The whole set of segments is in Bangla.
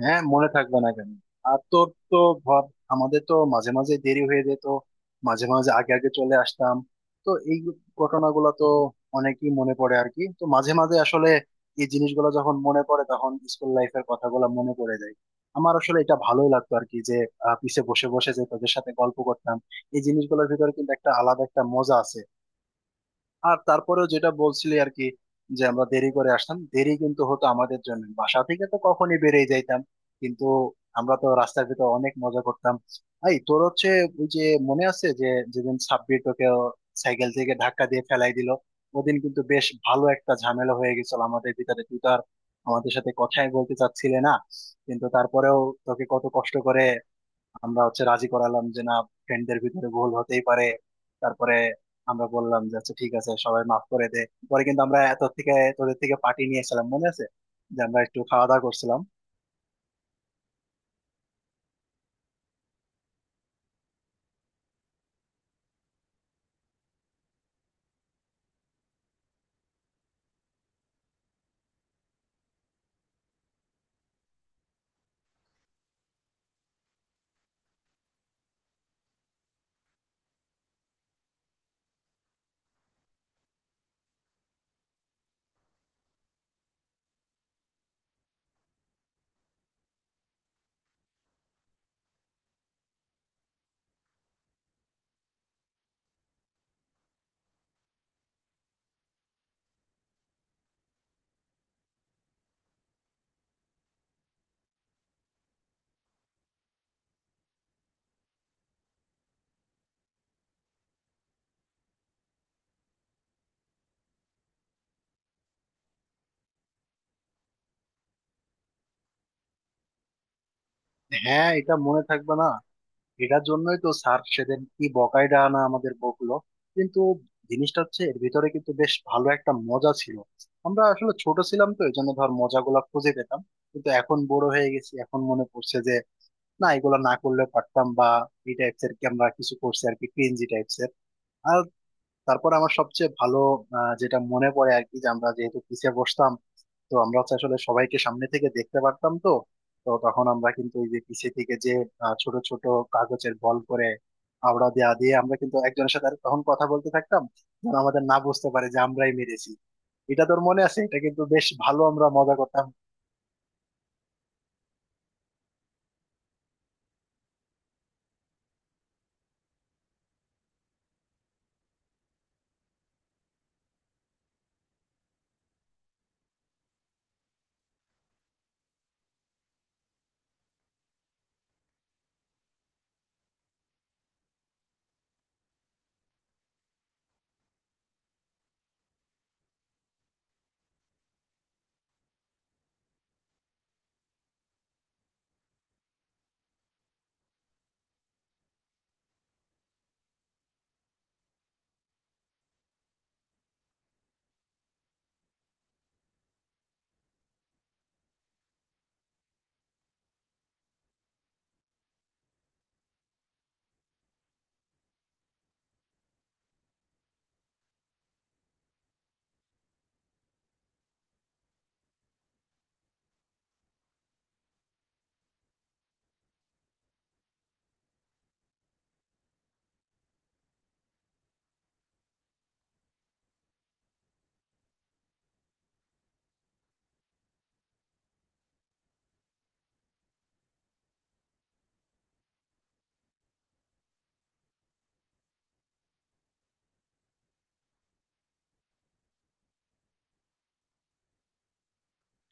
হ্যাঁ, মনে থাকবে না কেন? আর তোর তো ভাব, আমাদের তো মাঝে মাঝে দেরি হয়ে যেত, মাঝে মাঝে আগে আগে চলে আসতাম। তো এই ঘটনাগুলো তো অনেকই মনে পড়ে আর কি। তো মাঝে মাঝে আসলে এই জিনিসগুলো যখন মনে পড়ে, তখন স্কুল লাইফের কথাগুলো মনে পড়ে যায়। আমার আসলে এটা ভালোই লাগতো আর কি, যে পিছে বসে বসে যে তোদের সাথে গল্প করতাম, এই জিনিসগুলোর ভিতরে কিন্তু একটা আলাদা একটা মজা আছে। আর তারপরেও যেটা বলছিলি আর কি, যে আমরা দেরি করে আসতাম, দেরি কিন্তু হতো আমাদের জন্য, বাসা থেকে তো কখনই বেরিয়ে যাইতাম, কিন্তু আমরা তো রাস্তার ভিতর অনেক মজা করতাম। এই তোর হচ্ছে ওই যে মনে আছে যে যেদিন সাব্বির তোকে সাইকেল থেকে ধাক্কা দিয়ে ফেলাই দিল, ওদিন কিন্তু বেশ ভালো একটা ঝামেলা হয়ে গেছিল আমাদের ভিতরে। তুই তো আর আমাদের সাথে কথাই বলতে চাচ্ছিলে না, কিন্তু তারপরেও তোকে কত কষ্ট করে আমরা হচ্ছে রাজি করালাম, যে না, ফ্রেন্ডদের ভিতরে ভুল হতেই পারে। তারপরে আমরা বললাম যে আচ্ছা ঠিক আছে, সবাই মাফ করে দে। পরে কিন্তু আমরা এত থেকে তোদের থেকে পার্টি নিয়ে এসেছিলাম, মনে আছে? যে আমরা একটু খাওয়া দাওয়া করছিলাম। হ্যাঁ, এটা মনে থাকবে না? এটার জন্যই তো স্যার সেদিন কি বকাইডা না আমাদের বকলো। কিন্তু জিনিসটা হচ্ছে এর ভিতরে কিন্তু বেশ ভালো একটা মজা ছিল। আমরা আসলে ছোট ছিলাম তো এই জন্য ধর মজাগুলা খুঁজে পেতাম, কিন্তু এখন বড় হয়ে গেছি, এখন মনে পড়ছে যে না, এগুলো না করলে পারতাম, বা এই টাইপস এর কি আমরা কিছু করছি আর কি, ক্রিঞ্জি টাইপস এর। আর তারপর আমার সবচেয়ে ভালো যেটা মনে পড়ে আর কি, যে আমরা যেহেতু পিছিয়ে বসতাম, তো আমরা হচ্ছে আসলে সবাইকে সামনে থেকে দেখতে পারতাম। তো তো তখন আমরা কিন্তু ওই যে পিছিয়ে থেকে যে ছোট ছোট কাগজের বল করে আবড়া দেয়া দিয়ে আমরা কিন্তু একজনের সাথে আর তখন কথা বলতে থাকতাম, যেন আমাদের না বুঝতে পারে যে আমরাই মেরেছি। এটা তোর মনে আছে? এটা কিন্তু বেশ ভালো আমরা মজা করতাম।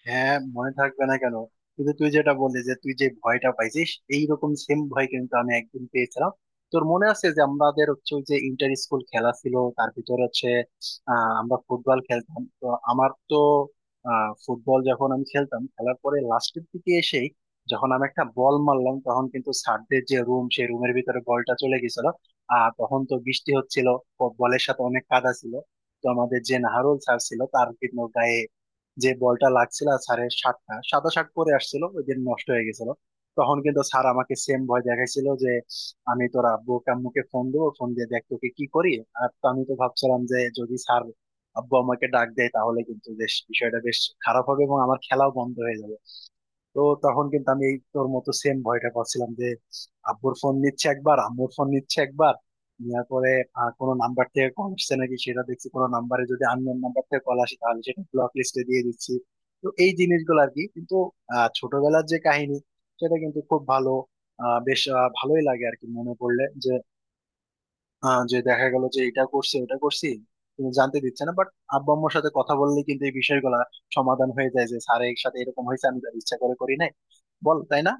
হ্যাঁ, মনে থাকবে না কেন? কিন্তু তুই যেটা বললি যে তুই যে ভয়টা পাইছিস, এইরকম সেম ভয় কিন্তু আমি একদিন পেয়েছিলাম। তোর মনে আছে যে আমাদের হচ্ছে ওই যে ইন্টার স্কুল খেলা ছিল, তার ভিতরে হচ্ছে আমরা ফুটবল খেলতাম। তো আমার তো ফুটবল যখন আমি খেলতাম, খেলার পরে লাস্টের দিকে এসেই যখন আমি একটা বল মারলাম, তখন কিন্তু স্যারদের যে রুম, সেই রুমের ভিতরে বলটা চলে গেছিল। আর তখন তো বৃষ্টি হচ্ছিল, বলের সাথে অনেক কাদা ছিল। তো আমাদের যে নাহারুল স্যার ছিল, তার কিন্তু গায়ে যে বলটা লাগছিল, আর স্যারের শার্টটা সাদা শার্ট পরে আসছিল ওই দিন, নষ্ট হয়ে গেছিল। তখন কিন্তু স্যার আমাকে সেম ভয় দেখাইছিল যে আমি তোর আব্বু আম্মুকে ফোন দেবো, ফোন দিয়ে দেখ তোকে কি করি। আর তো আমি তো ভাবছিলাম যে যদি স্যার আব্বু আমাকে ডাক দেয়, তাহলে কিন্তু বেশ বিষয়টা বেশ খারাপ হবে, এবং আমার খেলাও বন্ধ হয়ে যাবে। তো তখন কিন্তু আমি এই তোর মতো সেম ভয়টা করছিলাম যে আব্বুর ফোন নিচ্ছে একবার, আম্মুর ফোন নিচ্ছে একবার, নেওয়ার পরে কোনো নাম্বার থেকে কল আসছে নাকি সেটা দেখছি, কোনো নাম্বারে যদি আননোন নাম্বার থেকে কল আসে তাহলে সেটা ব্লক লিস্টে দিয়ে দিচ্ছি। তো এই জিনিসগুলো আর কি, কিন্তু ছোটবেলার যে কাহিনী, সেটা কিন্তু খুব ভালো ভালোই লাগে আর কি মনে পড়লে, যে যে দেখা গেল যে এটা করছি ওটা করছি, তুমি জানতে দিচ্ছে না, বাট আব্বা আম্মুর সাথে কথা বললে কিন্তু এই বিষয়গুলা সমাধান হয়ে যায়, যে স্যারের সাথে এরকম হয়েছে, আমি তার ইচ্ছা করে করি নাই। বল, তাই না?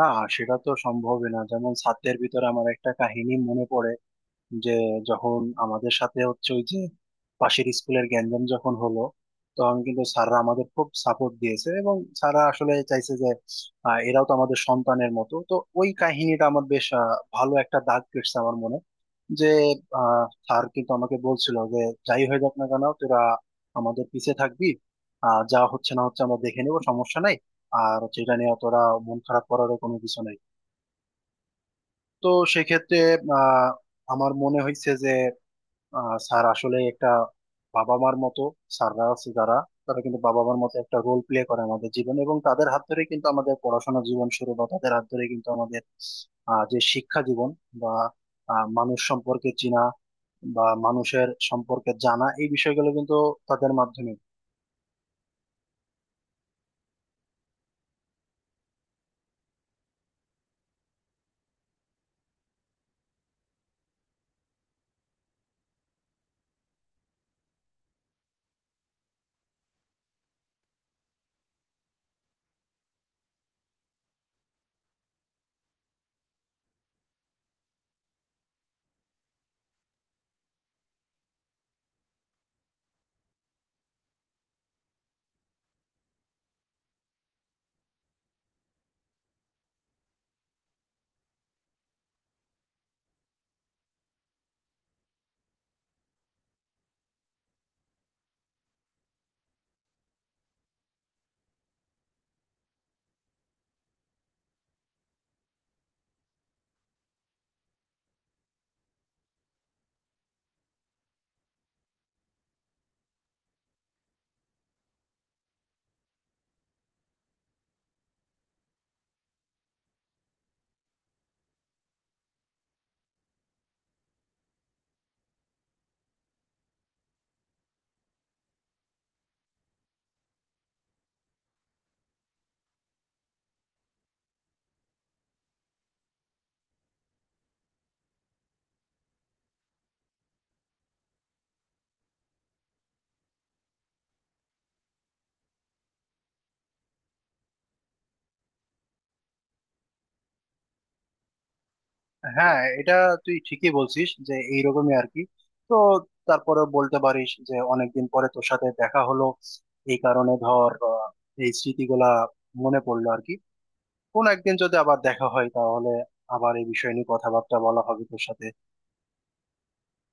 না, সেটা তো সম্ভবই না। যেমন ছাত্রের ভিতরে আমার একটা কাহিনী মনে পড়ে যে যখন আমাদের সাথে হচ্ছে ওই যে পাশের স্কুলের গ্যাঞ্জাম যখন হলো, তখন কিন্তু স্যাররা আমাদের খুব সাপোর্ট দিয়েছে, এবং স্যাররা আসলে চাইছে যে এরাও তো আমাদের সন্তানের মতো। তো ওই কাহিনীটা আমার বেশ ভালো একটা দাগ কেটেছে আমার মনে, যে স্যার কিন্তু আমাকে বলছিল যে যাই হয়ে যাক না কেন, তোরা আমাদের পিছে থাকবি, যা হচ্ছে না হচ্ছে আমরা দেখে নেবো, সমস্যা নাই। আর হচ্ছে এটা নিয়ে তোরা মন খারাপ করারও কোনো কিছু নাই। তো সেক্ষেত্রে আহ আমার মনে হয়েছে যে স্যার আসলে একটা বাবা মার মতো। স্যাররা আছে যারা, তারা কিন্তু বাবা মার মতো একটা রোল প্লে করে আমাদের জীবন, এবং তাদের হাত ধরে কিন্তু আমাদের পড়াশোনা জীবন শুরু, বা তাদের হাত ধরে কিন্তু আমাদের যে শিক্ষা জীবন, বা মানুষ সম্পর্কে চেনা বা মানুষের সম্পর্কে জানা, এই বিষয়গুলো কিন্তু তাদের মাধ্যমে। হ্যাঁ, এটা তুই ঠিকই বলছিস যে এইরকমই আর কি। তো তারপরে বলতে পারিস যে অনেকদিন পরে তোর সাথে দেখা হলো, এই কারণে ধর এই স্মৃতিগুলা মনে পড়লো আর কি। কোন একদিন যদি আবার দেখা হয় তাহলে আবার এই বিষয় নিয়ে কথাবার্তা বলা হবে তোর সাথে।